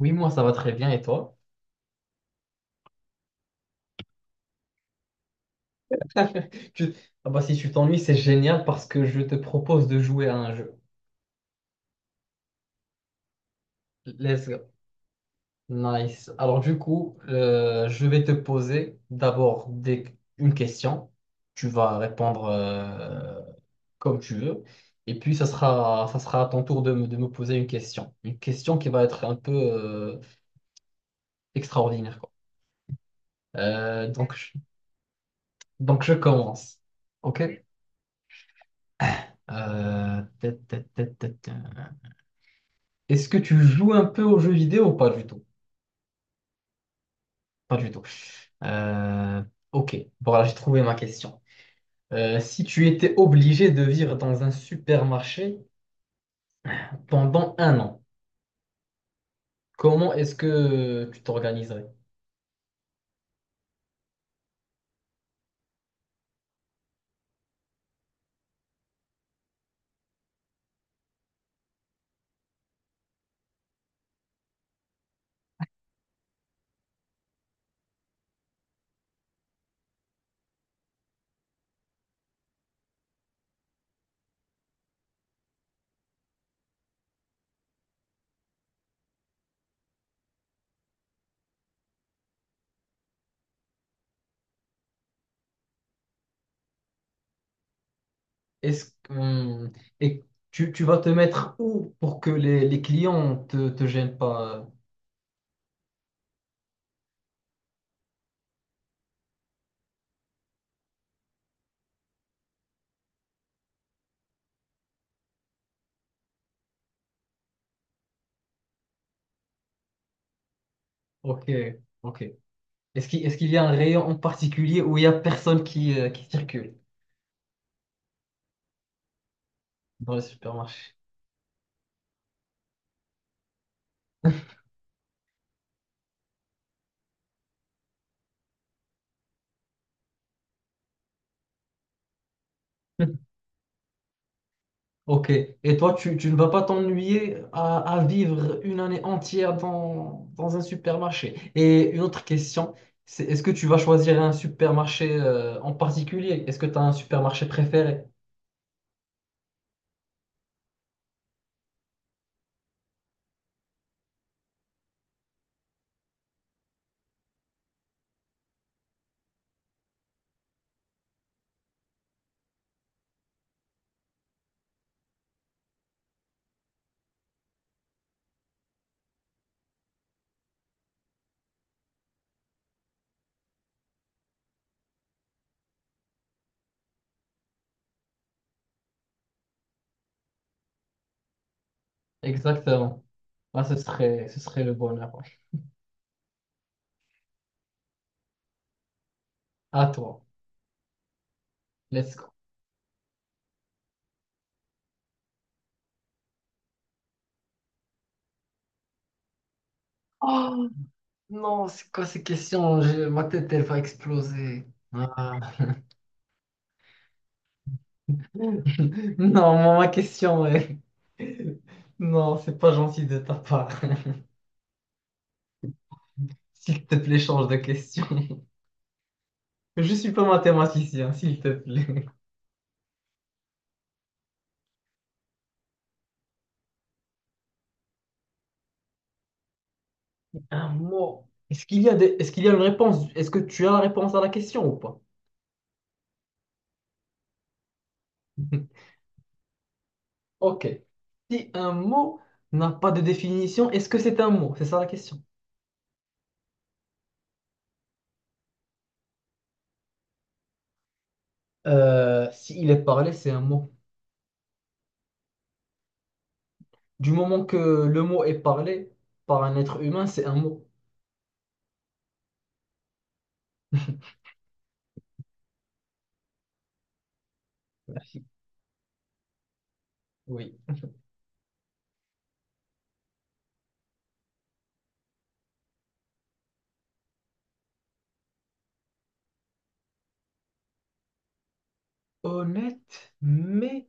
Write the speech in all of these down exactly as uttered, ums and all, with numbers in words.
Oui, moi ça va très bien et toi? Tu- Ah bah, si tu t'ennuies, c'est génial parce que je te propose de jouer à un jeu. Let's go. Nice. Alors du coup, euh, je vais te poser d'abord des... une question. Tu vas répondre euh, comme tu veux. Et puis ça sera, ça sera à ton tour de me, de me poser une question. Une question qui va être un peu euh, extraordinaire, quoi. Euh, donc, je... donc je commence. OK? Euh, Est-ce que tu joues un peu aux jeux vidéo ou pas du tout? Pas du tout. Euh, ok, bon là j'ai trouvé ma question. Euh, si tu étais obligé de vivre dans un supermarché pendant un an, comment est-ce que tu t'organiserais? Est-ce que, hum, et tu, tu vas te mettre où pour que les, les clients te, te gênent pas? Ok, ok. Est-ce qu'il, est-ce qu'il y a un rayon en particulier où il y a personne qui, euh, qui circule dans le supermarché? Ok. Et toi, tu, tu ne vas pas t'ennuyer à, à vivre une année entière dans, dans un supermarché. Et une autre question, c'est est-ce que tu vas choisir un supermarché euh, en particulier? Est-ce que tu as un supermarché préféré? Exactement. Ah, ce serait, ce serait le bonheur. Ouais. À toi. Let's go. Oh non, c'est quoi ces questions? J'ai- Ma tête, elle va exploser. Ah. Non, ma ma question, est... Non, c'est pas gentil de ta part. S'il te plaît, change de question. Je suis pas mathématicien, s'il te plaît. Un mot. Est-ce qu'il y a des... Est-ce qu'il y a une réponse? Est-ce que tu as la réponse à la question ou pas? Ok. Si un mot n'a pas de définition, est-ce que c'est un mot? C'est ça la question. Euh, s'il est parlé, c'est un mot. Du moment que le mot est parlé par un être humain, c'est un mot. Merci. Oui. Honnête, mais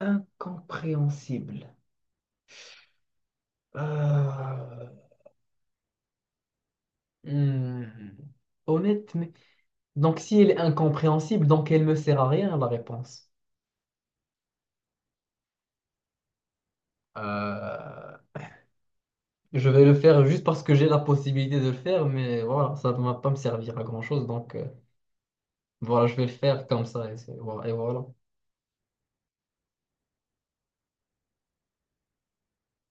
incompréhensible. Euh, hmm. Honnête, mais... Donc, si elle est incompréhensible, donc elle me sert à rien, la réponse. Euh, je vais le faire juste parce que j'ai la possibilité de le faire, mais voilà, ça ne va pas me servir à grand-chose. Donc, euh, voilà, je vais le faire comme ça. Et, c'est- voilà, et voilà.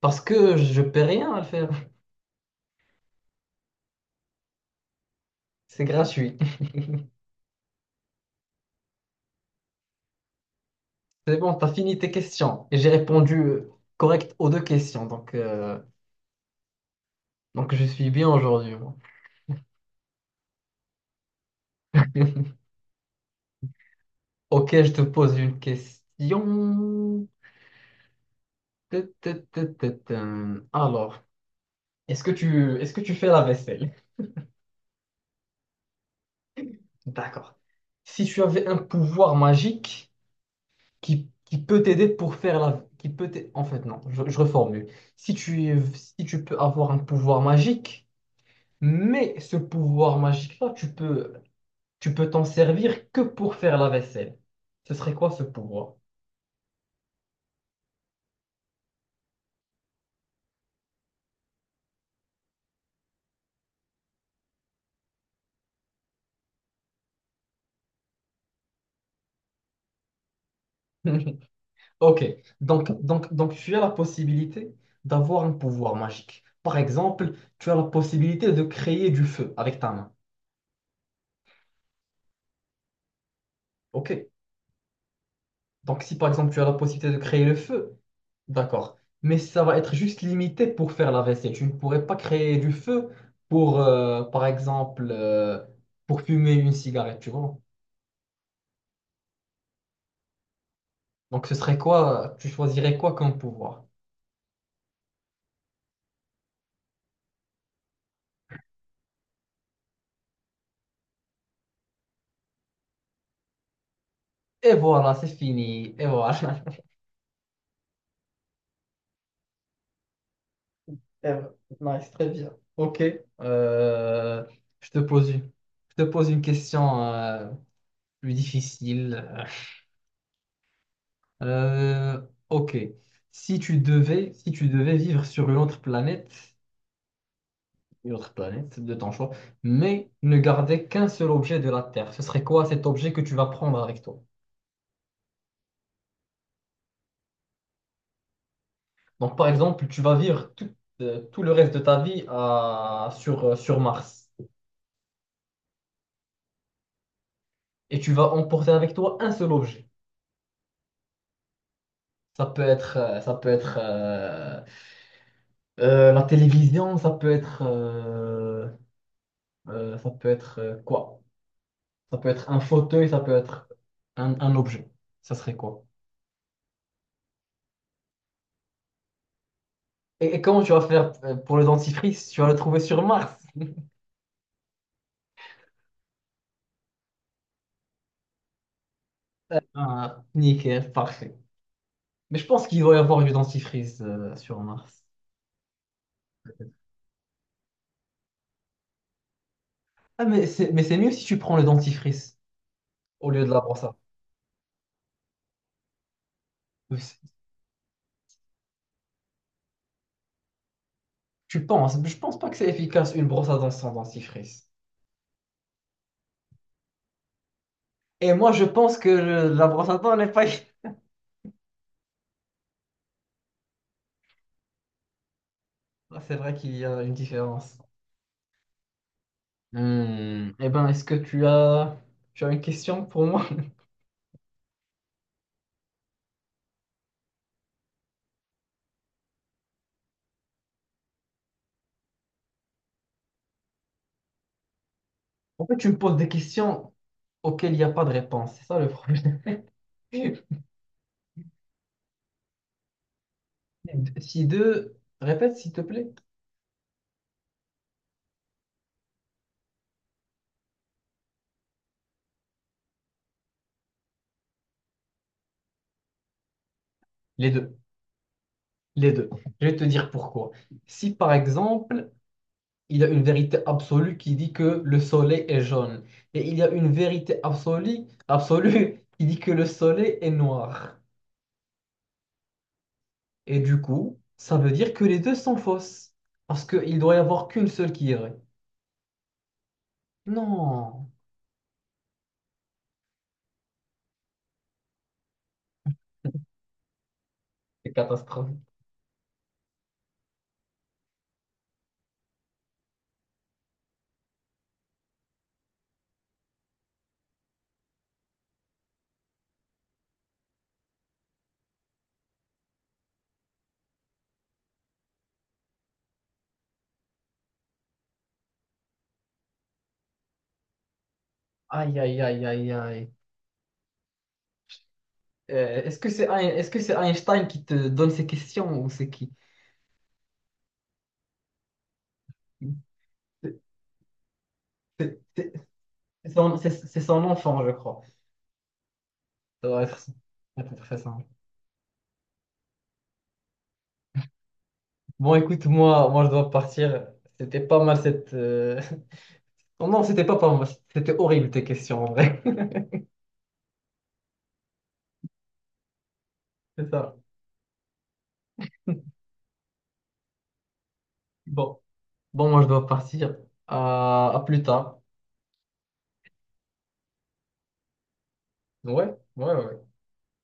Parce que je paie rien à le faire. C'est gratuit. C'est bon, t'as fini tes questions. Et j'ai répondu euh, correct aux deux questions. Donc, euh, donc je suis bien aujourd'hui, moi. Ok, je te pose une question. Tut, tut, tut, tut, tum. Alors. Est-ce que tu, est-ce que tu fais la vaisselle? D'accord. Si tu avais un pouvoir magique qui, qui peut t'aider pour faire la... Qui peut t'ai- en fait, non, je, je reformule. Si tu, es- si tu peux avoir un pouvoir magique, mais ce pouvoir magique-là, tu peux, tu peux t'en servir que pour faire la vaisselle. Ce serait quoi ce pouvoir? Ok, donc, donc, donc tu as la possibilité d'avoir un pouvoir magique. Par exemple, tu as la possibilité de créer du feu avec ta main. Ok. Donc, si par exemple tu as la possibilité de créer le feu, d'accord. Mais ça va être juste limité pour faire la vaisselle. Tu ne pourrais pas créer du feu pour, euh, par exemple, euh, pour fumer une cigarette, tu vois. Donc, ce serait quoi? Tu choisirais quoi comme pouvoir? Et voilà, c'est fini. Et voilà. Et voilà. Nice, très bien. Ok. Euh, je te pose une, je te pose une question euh, plus difficile. Euh, ok. Si tu devais, si tu devais vivre sur une autre planète, une autre planète de ton choix, mais ne garder qu'un seul objet de la Terre, ce serait quoi cet objet que tu vas prendre avec toi? Donc, par exemple, tu vas vivre tout, euh, tout le reste de ta vie à- sur, euh, sur Mars et tu vas emporter avec toi un seul objet. Ça peut être, euh, ça peut être euh, euh, la télévision, ça peut être, euh, euh, ça peut être euh, quoi? Ça peut être un fauteuil, ça peut être un, un objet. Ça serait quoi? Et, et comment tu vas faire euh, pour le dentifrice? Tu vas le trouver sur Mars. Ah, nickel, parfait. Mais je pense qu'il doit y avoir du dentifrice euh, sur Mars. Ah, mais c'est, mais c'est mieux si tu prends le dentifrice au lieu de la brosse à dents. Tu penses? Je pense pas que c'est efficace une brosse à dents sans dentifrice. Et moi, je pense que le- la brosse à dents n'est pas. Ah, c'est vrai qu'il y a une différence. Hmm. Eh ben, est-ce que tu as, tu as une question pour moi? En fait, tu me poses des questions auxquelles il n'y a pas de réponse. C'est ça le problème. Si deux, répète s'il te plaît. Les deux. Les deux. Je vais te dire pourquoi. Si par exemple, il y a une vérité absolue qui dit que le soleil est jaune, et il y a une vérité absolue, absolue qui dit que le soleil est noir. Et du coup, ça veut dire que les deux sont fausses. Parce qu'il doit y avoir qu'une seule qui est vraie. Non, c'est catastrophique. Aïe, aïe, aïe, aïe, aïe. Euh, est-ce que c'est Ein- est-ce que c'est Einstein qui te donne ces questions ou c'est qui? C'est c'est- c'est c'est son, c'est- c'est son enfant, je crois. Ça doit être ça. Ça doit être ça. Bon, écoute, moi, moi, je dois partir. C'était pas mal cette. Euh, Non, non, c'était pas pas mal. C'était horrible tes questions, en vrai. C'est ça. Bon, bon, moi, je dois partir. À, à plus tard. Ouais, ouais, ouais.